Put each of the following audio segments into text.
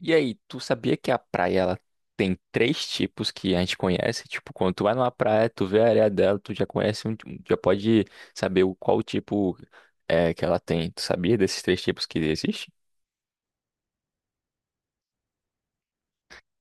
E aí, tu sabia que a praia ela tem três tipos que a gente conhece? Tipo, quando tu vai numa praia, tu vê a areia dela, tu já conhece, já pode saber o qual o tipo é que ela tem. Tu sabia desses três tipos que existem?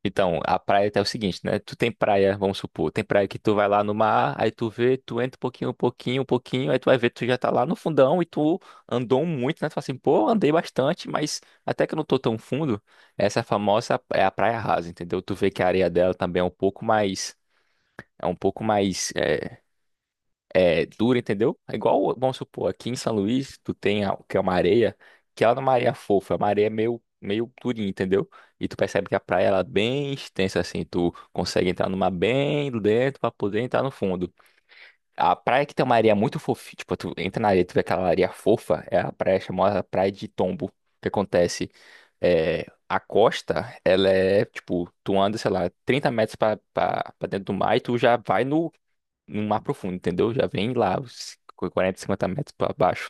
Então, a praia é o seguinte, né? Tu tem praia, vamos supor, tem praia que tu vai lá no mar, aí tu vê, tu entra um pouquinho, um pouquinho, um pouquinho, aí tu vai ver, tu já tá lá no fundão e tu andou muito, né? Tu fala assim, pô, andei bastante, mas até que eu não tô tão fundo, essa famosa é a praia rasa, entendeu? Tu vê que a areia dela também é um pouco mais, é um pouco mais dura, entendeu? É igual, vamos supor, aqui em São Luís, que é uma areia, que ela não é uma areia fofa, é uma areia meio, meio durinha, entendeu? E tu percebe que a praia ela é bem extensa, assim, tu consegue entrar numa bem do dentro pra poder entrar no fundo. A praia que tem uma areia muito fofinha, tipo, tu entra na areia, tu vê aquela areia fofa, é a praia chamada Praia de Tombo. O que acontece? É, a costa, ela é, tipo, tu anda, sei lá, 30 metros pra dentro do mar e tu já vai no mar profundo, entendeu? Já vem lá, os 40, 50 metros para baixo.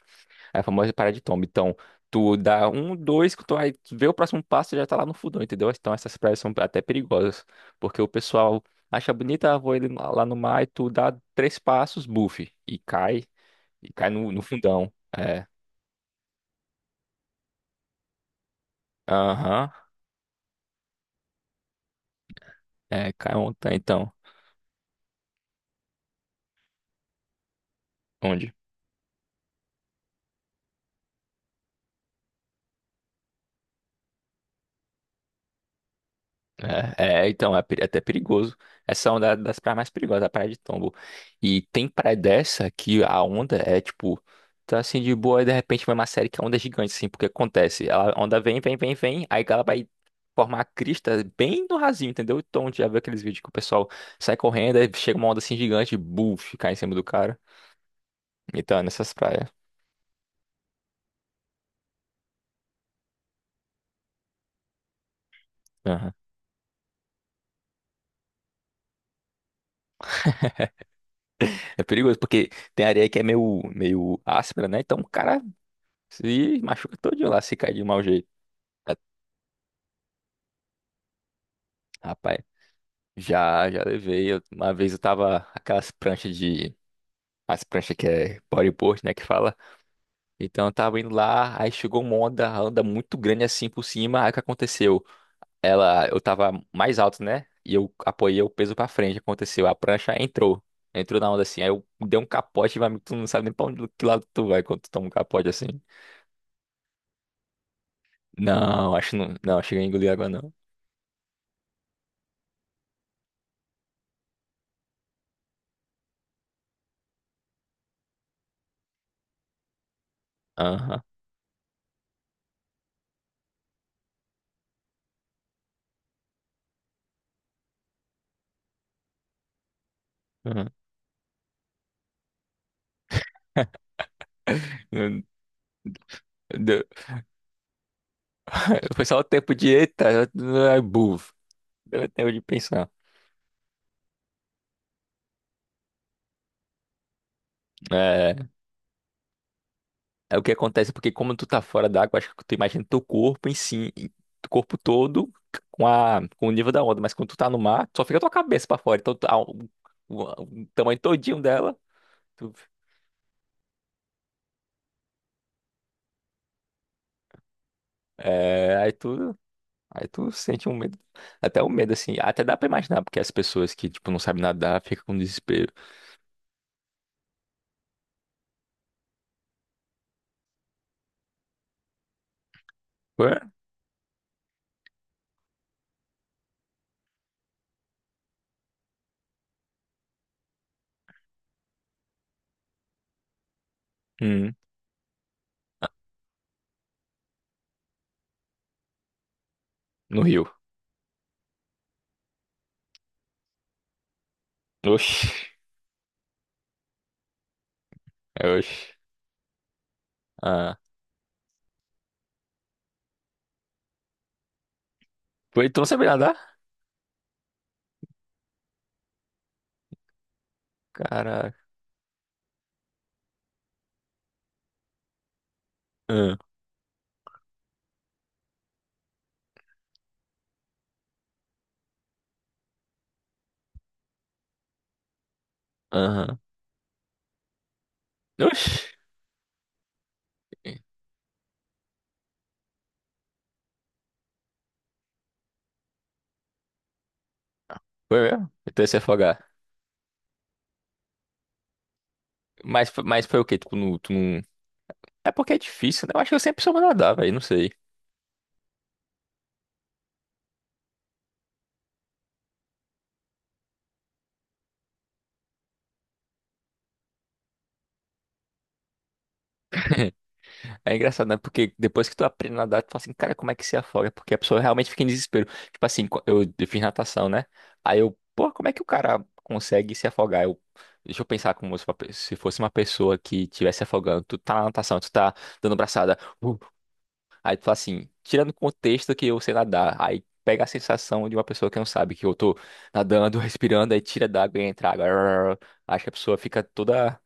É a famosa parada de tomba. Então, tu dá um, dois, que tu vai ver o próximo passo e já tá lá no fundão, entendeu? Então, essas praias são até perigosas, porque o pessoal acha bonita, ah, vou ele lá no mar e tu dá três passos, buff, e cai no fundão. É, aham, é, cai ontem, então. Onde? Então, é é até perigoso. Essa onda é uma das praias mais perigosas, a praia de Tombo. E tem praia dessa que a onda é tipo, tá assim de boa, e de repente vai uma série que a onda é gigante, assim, porque acontece. Ela, a onda vem, vem, vem, vem, aí ela vai formar a crista bem no rasinho, entendeu? Então, já viu aqueles vídeos que o pessoal sai correndo, aí chega uma onda assim gigante, buf, cai em cima do cara. Então, é nessas praias. Aham. É perigoso, porque tem areia que é meio, meio áspera, né? Então o cara se machuca todinho lá se cair de mau jeito. Rapaz. Já, já levei. Uma vez eu tava aquelas pranchas de. As pranchas que é bodyboard, né? Que fala. Então eu tava indo lá, aí chegou uma onda, a onda muito grande assim por cima. Aí o que aconteceu? Ela, eu tava mais alto, né? E eu apoiei o peso pra frente. Aconteceu, a prancha entrou. Entrou na onda assim. Aí eu dei um capote, vai, tu não sabe nem pra onde, que lado tu vai quando tu toma um capote assim. Não, acho que não. Não, cheguei a engolir água, não. Aham. Aham. Não- deu- Foi só o tempo de eita, buf. Deu tempo de pensar. É, é o que acontece, porque como tu tá fora d'água, acho que tu imagina teu corpo em si, teu corpo todo com, a, com o nível da onda, mas quando tu tá no mar, só fica tua cabeça pra fora, então o tamanho todinho dela, tu- é, aí tu sente um medo, até o medo assim, até dá pra imaginar, porque as pessoas que, tipo, não sabem nadar, ficam com desespero. Ué? Hum, no rio. Oxi, é, oxi. Ah. Ué, tu não sabe nadar? Caraca. Ah, aham. Oxi. Foi mesmo? Então ia se afogar. Mas, mas foi o quê? Tipo, no, tu não. É porque é difícil, né? Eu acho que eu sempre soube nadar, velho. Não sei. É engraçado, né? Porque depois que tu aprende a nadar, tu fala assim, cara, como é que se afoga? É porque a pessoa realmente fica em desespero. Tipo assim, eu fiz natação, né? Aí eu, pô, como é que o cara consegue se afogar? Eu, deixa eu pensar como se uma se fosse uma pessoa que estivesse afogando. Tu tá na natação, tu tá dando braçada. Uh. Aí tu fala assim, tirando o contexto que eu sei nadar, aí pega a sensação de uma pessoa que não sabe, que eu tô nadando, respirando, aí tira d'água e entra água. Arr. Acho que a pessoa fica toda.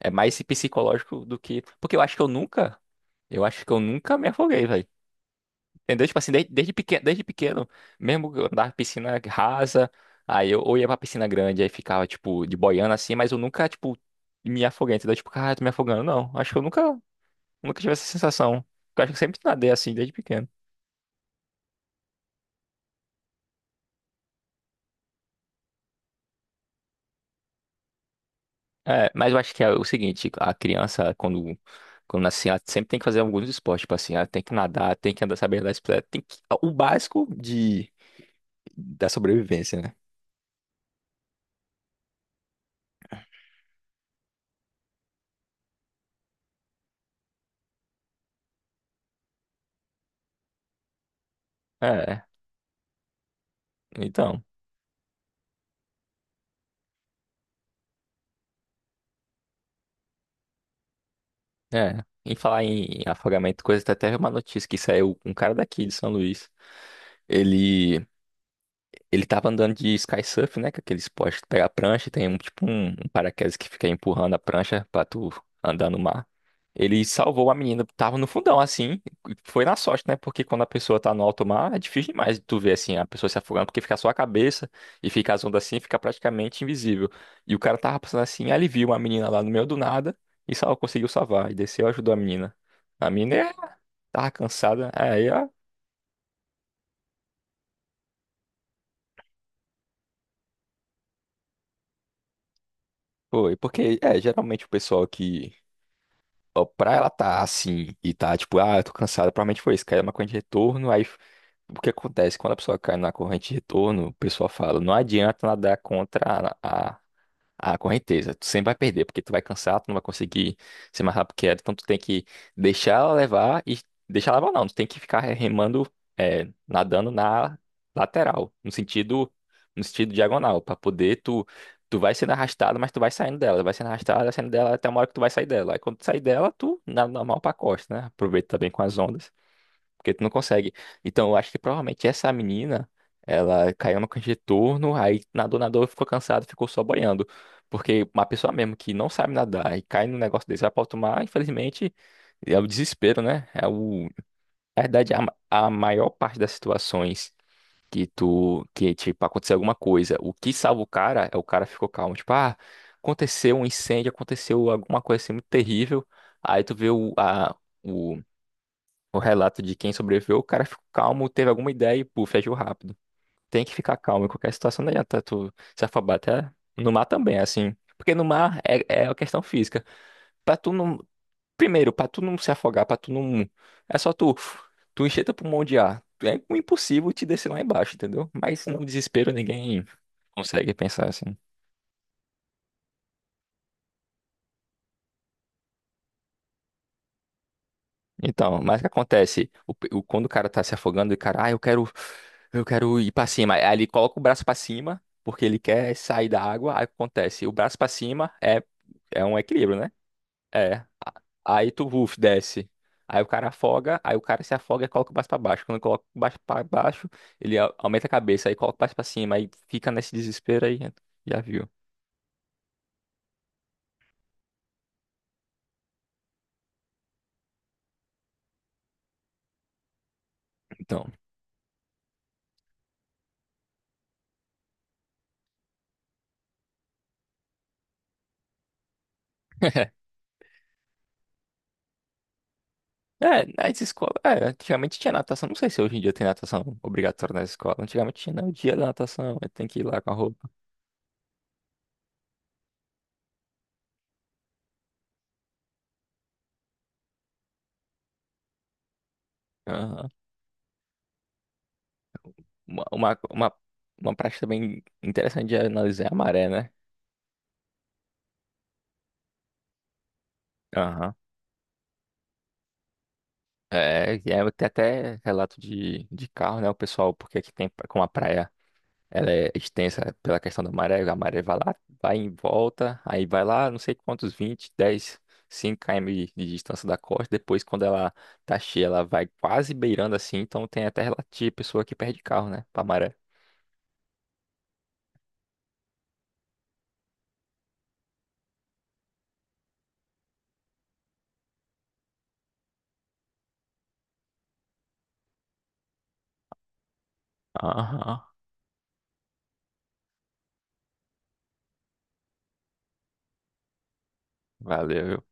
É mais psicológico do que. Porque eu acho que eu nunca. Eu acho que eu nunca me afoguei, velho. Entendeu? Tipo assim, desde pequeno, mesmo que eu andava em piscina rasa, aí eu ou ia pra piscina grande, aí ficava, tipo, de boiando assim, mas eu nunca, tipo, me afoguei, entendeu? Tipo, cara, tô me afogando. Não, acho que eu nunca tive essa sensação. Porque eu acho que eu sempre nadei assim, desde pequeno. É, mas eu acho que é o seguinte, a criança, quando nasce, ela sempre tem que fazer alguns esportes, tipo assim, ela tem que nadar, tem que andar, saber andar de bicicleta, tem que, o básico de, da sobrevivência, né? É, então, é, em falar em afogamento, coisa, tá até uma notícia que saiu, um cara daqui de São Luís, ele Ele tava andando de sky surf, né? Que é aquele esporte que tu pega a prancha e tem um tipo um, um paraquedas que fica empurrando a prancha pra tu andar no mar. Ele salvou a menina, tava no fundão assim, e foi na sorte, né? Porque quando a pessoa tá no alto mar, é difícil demais de tu ver assim a pessoa se afogando, porque fica só a cabeça e fica as ondas assim, fica praticamente invisível. E o cara tava passando assim, aí ele viu uma menina lá no meio do nada e só conseguiu salvar e desceu e ajudou a menina. A menina é, tava cansada, aí ó, foi, porque é geralmente o pessoal que ó, pra ela tá assim e tá tipo, ah, eu tô cansada, provavelmente foi isso, caiu na corrente de retorno, aí o que acontece? Quando a pessoa cai na corrente de retorno, o pessoal fala, não adianta nadar contra a correnteza. Tu sempre vai perder, porque tu vai cansar, tu não vai conseguir ser mais rápido que ela. Então tu tem que deixar ela levar e deixar ela levar não. Tu tem que ficar remando, é, nadando na lateral, no sentido, no sentido diagonal, para poder tu tu vai sendo arrastado, mas tu vai saindo dela, vai sendo arrastado, vai saindo dela até uma hora que tu vai sair dela. Aí quando tu sair dela, tu nada normal pra costa, né? Aproveita também com as ondas. Porque tu não consegue. Então, eu acho que provavelmente essa menina, ela caiu no retorno, aí nadou, nadou, ficou cansada, ficou só boiando. Porque uma pessoa mesmo que não sabe nadar e cai num negócio desse, vai pra alto mar infelizmente, é o desespero, né? É o... Na verdade, a maior parte das situações que tu, que, tipo, aconteceu alguma coisa, o que salva o cara é o cara ficou calmo. Tipo, ah, aconteceu um incêndio, aconteceu alguma coisa assim muito terrível. Aí tu vê o relato de quem sobreviveu, o cara ficou calmo, teve alguma ideia e, puf, agiu rápido. Tem que ficar calmo em qualquer situação, não adianta tu se afobar até no mar também, é assim. Porque no mar é, é a questão física. Pra tu não. Primeiro, pra tu não se afogar, pra tu não. É só tu. Tu encher teu pulmão de ar. É impossível te descer lá embaixo, entendeu? Mas no desespero ninguém consegue pensar assim. Então, mas o que acontece? Quando o cara tá se afogando, e o cara, ah, eu quero ir pra cima. Aí ele coloca o braço pra cima, porque ele quer sair da água. Aí o que acontece? O braço pra cima é, é um equilíbrio, né? É. A- Aí tu, uf, desce. Aí o cara afoga, aí o cara se afoga e coloca o braço pra baixo. Quando coloca o braço pra baixo, ele aumenta a cabeça, aí coloca o braço pra cima, aí fica nesse desespero aí. Já viu? Então. É, nas escolas, é, antigamente tinha natação. Não sei se hoje em dia tem natação obrigatória na escola. Antigamente tinha, não, o dia da natação, aí tem que ir lá com a roupa. Aham. Uma, uma, uma, uma prática bem interessante de analisar é a maré, né? Aham. É, e aí tem até relato de carro, né? O pessoal, porque aqui tem com a praia. Ela é extensa pela questão da maré. A maré vai lá, vai em volta, aí vai lá, não sei quantos, 20 10 5 km de distância da costa. Depois, quando ela tá cheia, ela vai quase beirando assim. Então, tem até relativo pessoa que perde carro, né? Pra maré. Aham, valeu.